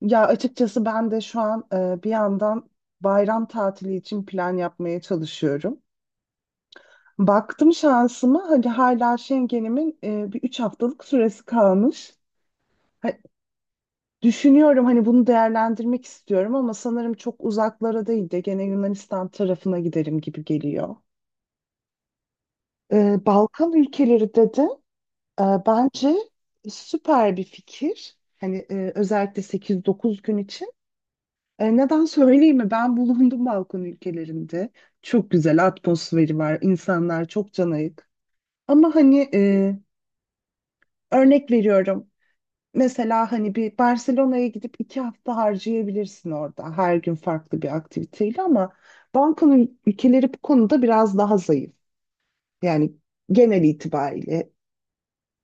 Ya açıkçası ben de şu an bir yandan bayram tatili için plan yapmaya çalışıyorum. Baktım şansıma hani hala Schengen'imin bir 3 haftalık süresi kalmış. Ha- Düşünüyorum hani bunu değerlendirmek istiyorum ama sanırım çok uzaklara değil de gene Yunanistan tarafına giderim gibi geliyor. E, Balkan ülkeleri dedi. Bence süper bir fikir. Hani özellikle 8 9 gün için. Neden söyleyeyim mi? Ben bulundum Balkan ülkelerinde. Çok güzel atmosferi var. İnsanlar çok canayık. Ama hani örnek veriyorum. Mesela hani bir Barcelona'ya gidip 2 hafta harcayabilirsin orada. Her gün farklı bir aktiviteyle ama Balkan ülkeleri bu konuda biraz daha zayıf. Yani genel itibariyle.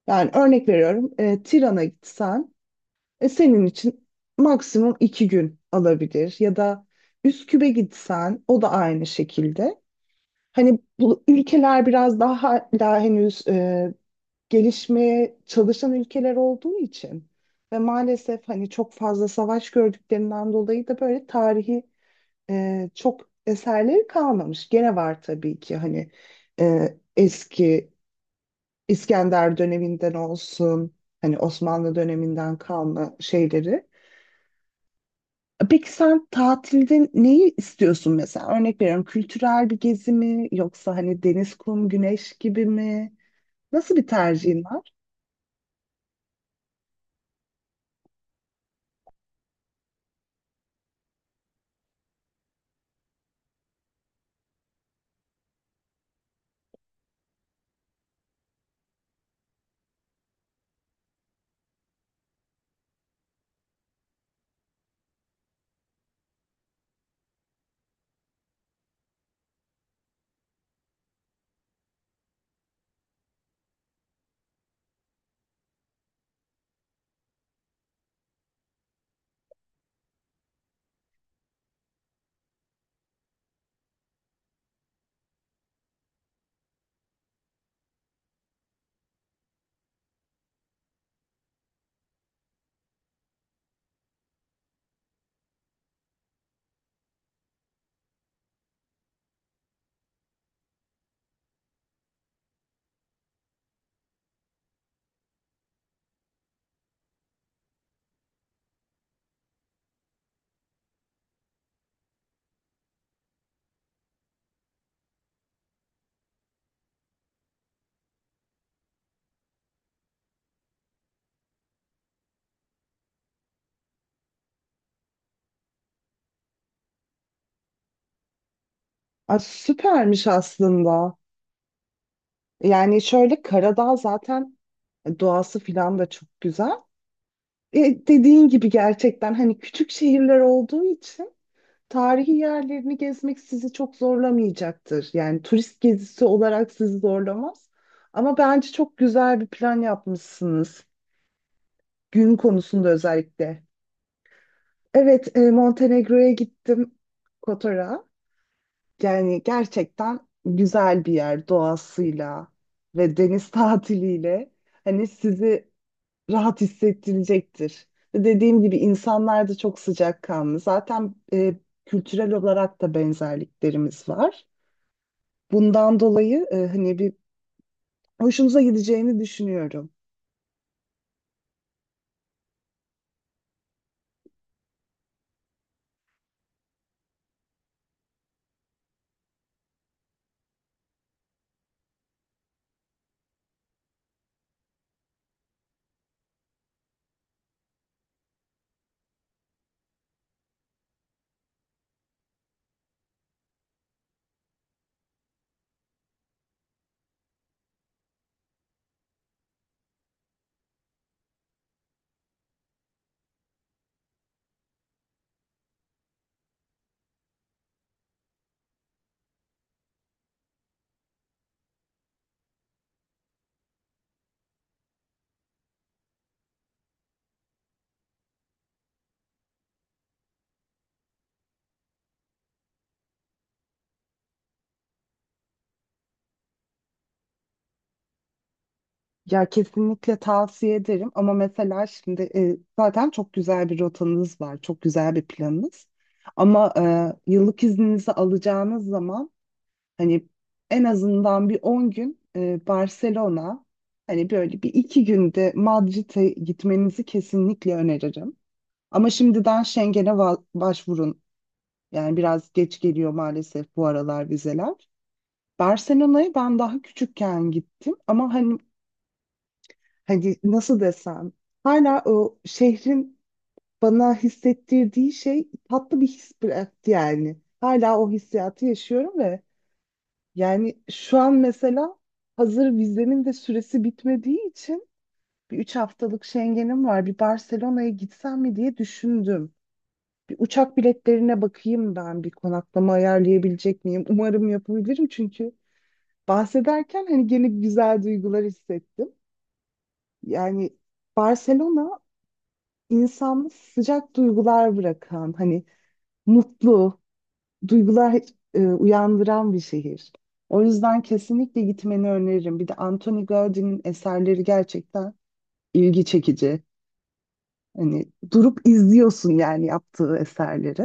Yani örnek veriyorum. E, Tiran'a gitsen senin için maksimum 2 gün alabilir ya da Üsküp'e gitsen o da aynı şekilde. Hani bu ülkeler biraz daha hala henüz gelişmeye çalışan ülkeler olduğu için ve maalesef hani çok fazla savaş gördüklerinden dolayı da böyle tarihi çok eserleri kalmamış. Gene var tabii ki hani eski İskender döneminden olsun hani Osmanlı döneminden kalma şeyleri. Peki sen tatilde neyi istiyorsun mesela? Örnek veriyorum, kültürel bir gezi mi yoksa hani deniz, kum, güneş gibi mi? Nasıl bir tercihin var? Aa, süpermiş aslında. Yani şöyle, Karadağ zaten doğası filan da çok güzel. E, dediğin gibi gerçekten hani küçük şehirler olduğu için tarihi yerlerini gezmek sizi çok zorlamayacaktır. Yani turist gezisi olarak sizi zorlamaz. Ama bence çok güzel bir plan yapmışsınız. Gün konusunda özellikle. Evet, Montenegro'ya gittim, Kotor'a. Yani gerçekten güzel bir yer doğasıyla ve deniz tatiliyle. Hani sizi rahat hissettirecektir. Ve dediğim gibi insanlar da çok sıcakkanlı. Zaten kültürel olarak da benzerliklerimiz var. Bundan dolayı hani bir hoşunuza gideceğini düşünüyorum. Ya kesinlikle tavsiye ederim ama mesela şimdi zaten çok güzel bir rotanız var, çok güzel bir planınız. Ama yıllık izninizi alacağınız zaman hani en azından bir 10 gün Barcelona, hani böyle bir iki günde Madrid'e gitmenizi kesinlikle öneririm. Ama şimdiden Schengen'e başvurun. Yani biraz geç geliyor maalesef bu aralar vizeler. Barcelona'ya ben daha küçükken gittim ama hani nasıl desem, hala o şehrin bana hissettirdiği şey tatlı bir his bıraktı yani. Hala o hissiyatı yaşıyorum ve yani şu an mesela hazır vizemin de süresi bitmediği için bir üç haftalık Schengen'im var. Bir Barcelona'ya gitsem mi diye düşündüm. Bir uçak biletlerine bakayım, ben bir konaklama ayarlayabilecek miyim? Umarım yapabilirim çünkü bahsederken hani gene güzel duygular hissettim. Yani Barcelona insanda sıcak duygular bırakan, hani mutlu duygular uyandıran bir şehir. O yüzden kesinlikle gitmeni öneririm. Bir de Anthony Gaudi'nin eserleri gerçekten ilgi çekici. Hani durup izliyorsun yani yaptığı eserleri.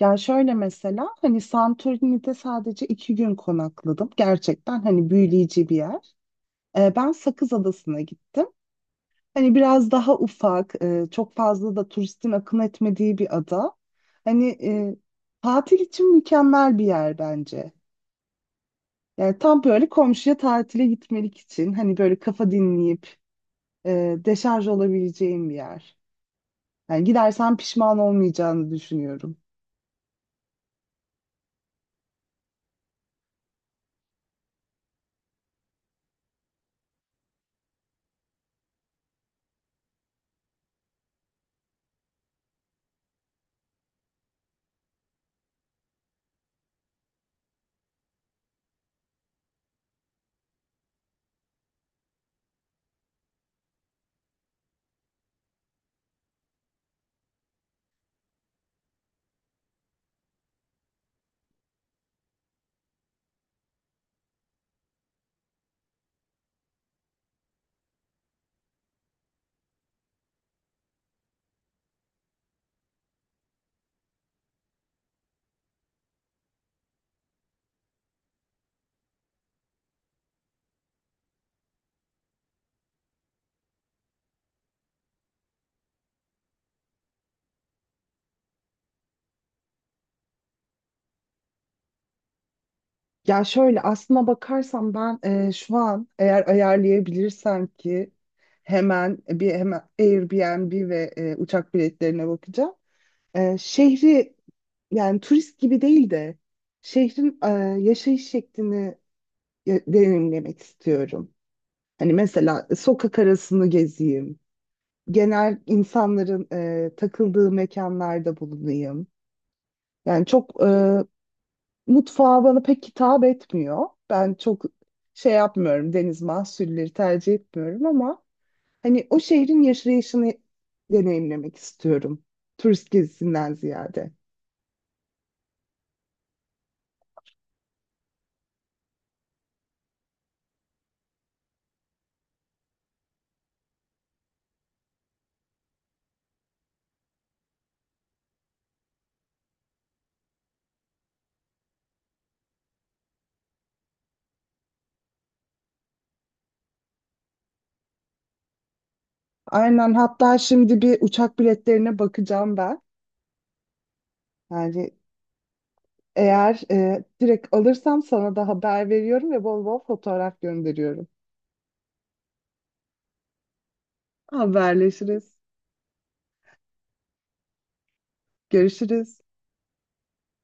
Ya şöyle, mesela hani Santorini'de sadece 2 gün konakladım. Gerçekten hani büyüleyici bir yer. Ben Sakız Adası'na gittim. Hani biraz daha ufak, çok fazla da turistin akın etmediği bir ada. Hani tatil için mükemmel bir yer bence. Yani tam böyle komşuya tatile gitmelik için hani böyle kafa dinleyip deşarj olabileceğim bir yer. Yani gidersen pişman olmayacağını düşünüyorum. Ya şöyle, aslına bakarsam ben şu an eğer ayarlayabilirsem ki hemen Airbnb ve uçak biletlerine bakacağım. Şehri yani turist gibi değil de şehrin yaşayış şeklini deneyimlemek istiyorum. Hani mesela sokak arasını gezeyim. Genel insanların takıldığı mekanlarda bulunayım. Yani çok mutfağı bana pek hitap etmiyor. Ben çok şey yapmıyorum, deniz mahsulleri tercih etmiyorum ama hani o şehrin yaşayışını deneyimlemek istiyorum. Turist gezisinden ziyade. Aynen, hatta şimdi bir uçak biletlerine bakacağım ben. Yani eğer direkt alırsam sana da haber veriyorum ve bol bol fotoğraf gönderiyorum. Haberleşiriz. Görüşürüz.